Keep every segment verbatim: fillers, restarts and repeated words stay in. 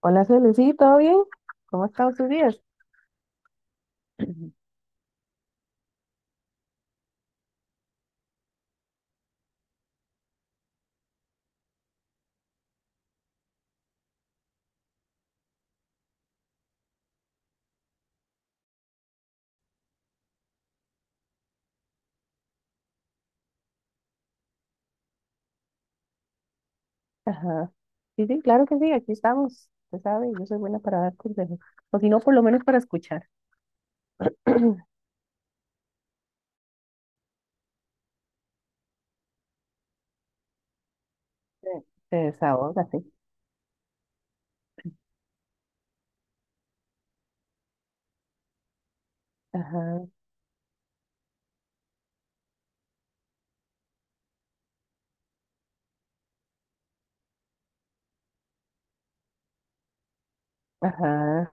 Hola, Celi, sí, ¿todo bien? ¿Cómo están estado sus días? Ajá. Sí, sí, claro que sí, aquí estamos. Usted sabe, yo soy buena para dar consejos. O si no, por lo menos para escuchar. Se se desahoga, sí. Ajá, ajá,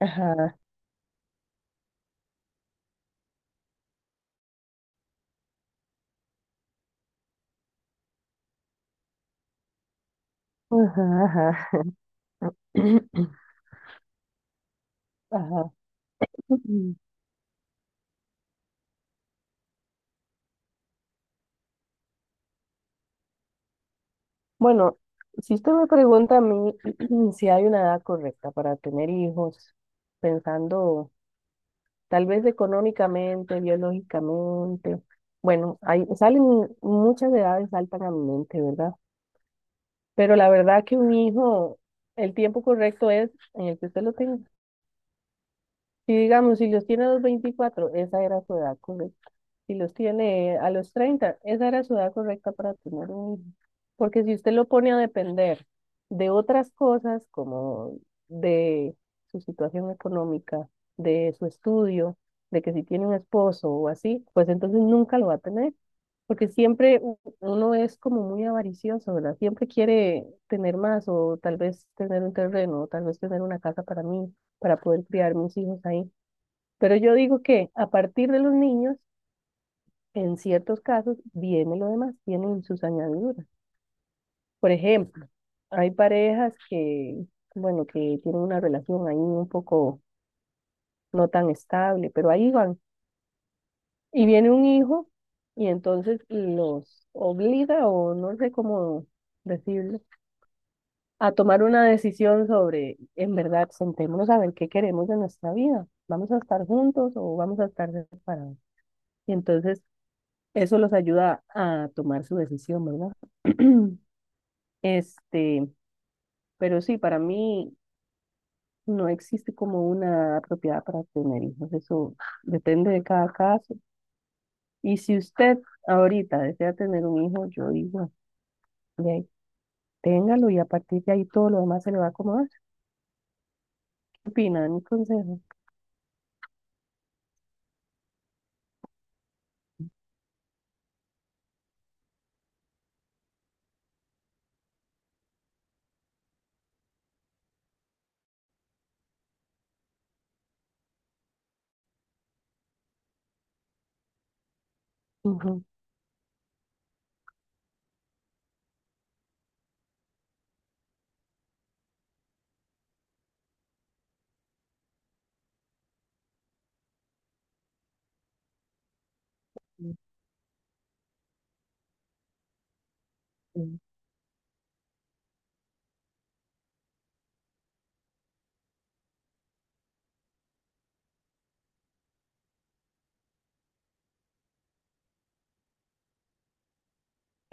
ajá, ajá, ajá. Ajá. Bueno, si usted me pregunta a mí si hay una edad correcta para tener hijos, pensando, tal vez económicamente, biológicamente. Bueno, hay, salen muchas edades, saltan a mi mente, ¿verdad? Pero la verdad que un hijo, el tiempo correcto es en el que usted lo tenga. Si digamos, si los tiene a los veinticuatro, esa era su edad correcta; si los tiene a los treinta, esa era su edad correcta para tener un hijo. Porque si usted lo pone a depender de otras cosas, como de su situación económica, de su estudio, de que si tiene un esposo o así, pues entonces nunca lo va a tener. Porque siempre u- uno es como muy avaricioso, ¿verdad? Siempre quiere tener más, o tal vez tener un terreno, o tal vez tener una casa para mí, para poder criar mis hijos ahí. Pero yo digo que a partir de los niños, en ciertos casos, viene lo demás, tienen sus añadiduras. Por ejemplo, hay parejas que, bueno, que tienen una relación ahí un poco no tan estable, pero ahí van. Y viene un hijo y entonces los obliga, o no sé cómo decirlo, a tomar una decisión sobre, en verdad, sentémonos a ver qué queremos de nuestra vida. ¿Vamos a estar juntos o vamos a estar separados? Y entonces eso los ayuda a tomar su decisión, ¿verdad? Este, pero sí, para mí no existe como una propiedad para tener hijos. Eso depende de cada caso. Y si usted ahorita desea tener un hijo, yo digo, de ahí, téngalo, y a partir de ahí todo lo demás se le va a acomodar. ¿Qué opina de mi consejo? Ujú.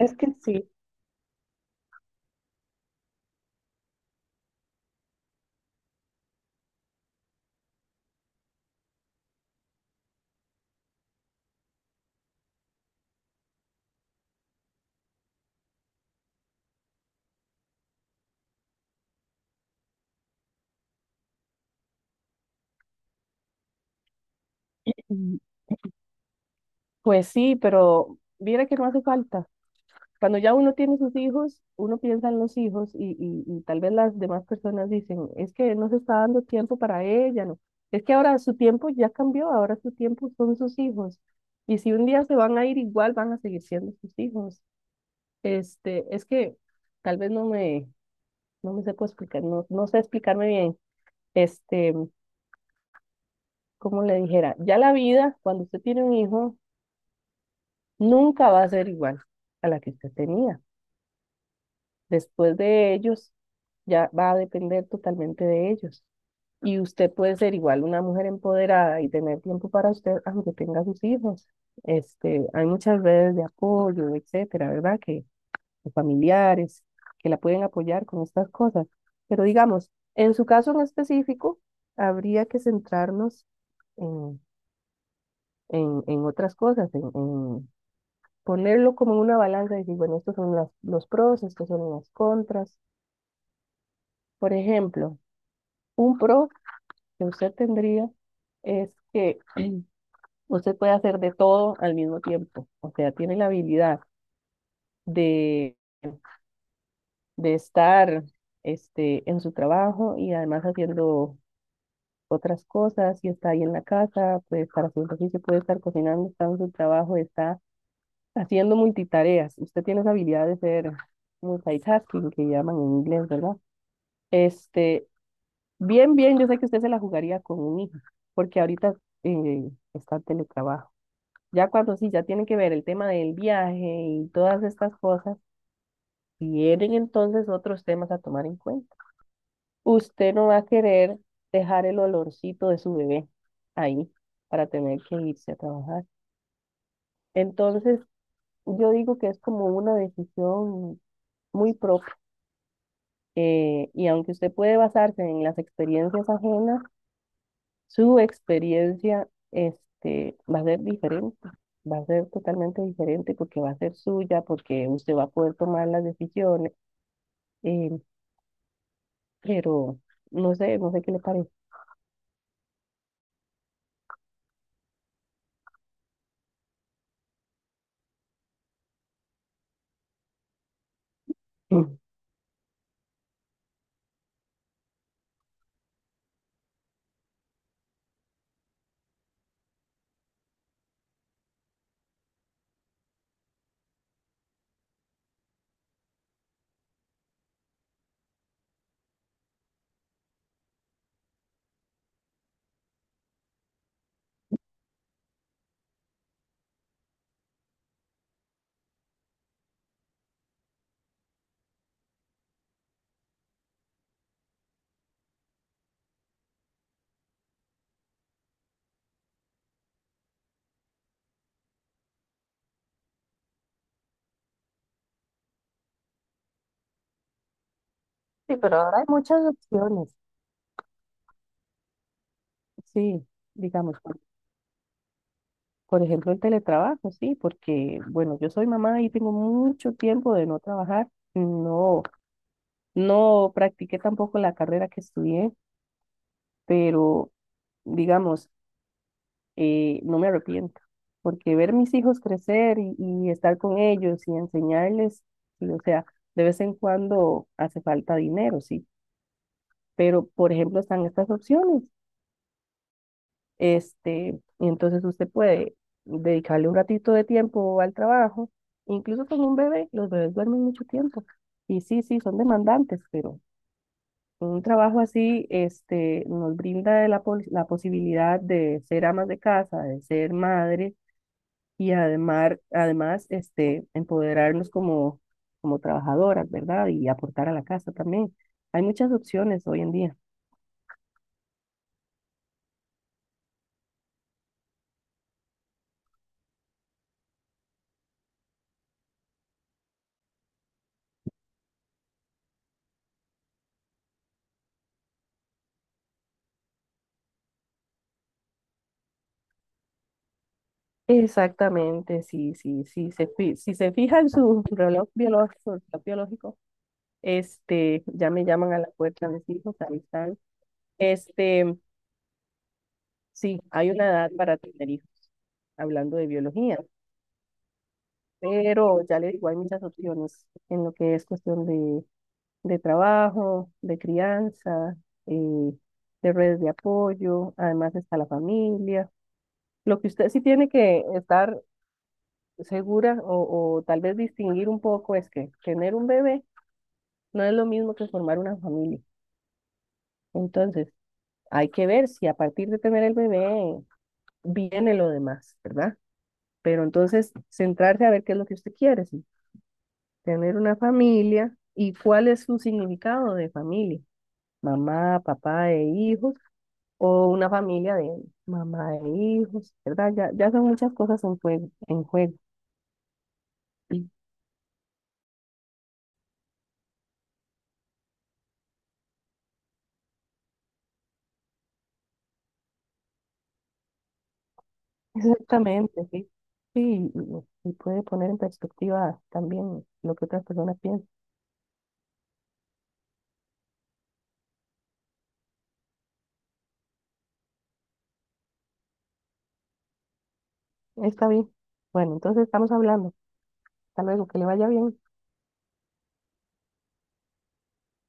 Es que sí. Mm. Pues sí, pero mira que no hace falta. Cuando ya uno tiene sus hijos, uno piensa en los hijos y, y- y tal vez las demás personas dicen, es que no se está dando tiempo para ella, no. Es que ahora su tiempo ya cambió, ahora su tiempo son sus hijos. Y si un día se van a ir igual, van a seguir siendo sus hijos. Este, es que tal vez no me, no me sepa explicar, no, no sé explicarme bien. Este, como le dijera, ya la vida, cuando usted tiene un hijo, nunca va a ser igual a la que usted tenía. Después de ellos, ya va a depender totalmente de ellos. Y usted puede ser igual una mujer empoderada y tener tiempo para usted, aunque tenga sus hijos. Este, hay muchas redes de apoyo, etcétera, ¿verdad? Que de familiares que la pueden apoyar con estas cosas. Pero digamos, en su caso en específico, habría que centrarnos en, en, en otras cosas, en, en ponerlo como en una balanza y decir, bueno, estos son las- los pros, estos son las contras. Por ejemplo, un pro que usted tendría es que usted puede hacer de todo al mismo tiempo. O sea, tiene la habilidad de, de estar este, en su trabajo y además haciendo otras cosas. Si está ahí en la casa, puede estar haciendo ejercicio, puede estar cocinando, está en su trabajo, está haciendo multitareas. Usted tiene esa habilidad de ser multitasking, que llaman en inglés, ¿verdad? Este, bien, bien, yo sé que usted se la jugaría con un hijo, porque ahorita eh, está teletrabajo. Ya cuando sí, ya tienen que ver el tema del viaje y todas estas cosas, tienen entonces otros temas a tomar en cuenta. Usted no va a querer dejar el olorcito de su bebé ahí para tener que irse a trabajar. Entonces, yo digo que es como una decisión muy propia. Eh, y aunque usted puede basarse en las experiencias ajenas, su experiencia este, va a ser diferente, va a ser totalmente diferente porque va a ser suya, porque usted va a poder tomar las decisiones, eh, pero no sé, no sé qué le parece. Mm. Sí, pero ahora hay muchas opciones. Sí, digamos, por por ejemplo, el teletrabajo, sí, porque, bueno, yo soy mamá y tengo mucho tiempo de no trabajar, no, no practiqué tampoco la carrera que estudié, pero, digamos, eh, no me arrepiento, porque ver mis hijos crecer y, y estar con ellos y enseñarles, y, o sea, de vez en cuando hace falta dinero, sí, pero por ejemplo están estas opciones, este, y entonces usted puede dedicarle un ratito de tiempo al trabajo, incluso con un bebé, los bebés duermen mucho tiempo, y sí, sí, son demandantes, pero... Un trabajo así, este, nos brinda la, pos- la posibilidad de ser amas de casa, de ser madre, y además, además este, empoderarnos como, como trabajadoras, ¿verdad? Y aportar a la casa también. Hay muchas opciones hoy en día. Exactamente, sí, sí, sí. Se, fi- si se fija en su reloj biológico, reloj biológico, este, ya me llaman a la puerta mis hijos, ahí están. Este, sí, hay una edad para tener hijos, hablando de biología, pero ya le digo, hay muchas opciones en lo que es cuestión de de trabajo, de crianza, eh, de redes de apoyo, además está la familia. Lo que usted sí tiene que estar segura o, o tal vez distinguir un poco es que tener un bebé no es lo mismo que formar una familia. Entonces, hay que ver si a partir de tener el bebé viene lo demás, ¿verdad? Pero entonces, centrarse a ver qué es lo que usted quiere, sí, tener una familia y cuál es su significado de familia, mamá, papá e hijos, o una familia de mamá e hijos, ¿verdad? Ya, ya son muchas cosas en juego, en juego. Sí. Exactamente, sí. Sí, y, y puede poner en perspectiva también lo que otras personas piensan. Está bien. Bueno, entonces estamos hablando. Hasta luego, que le vaya bien.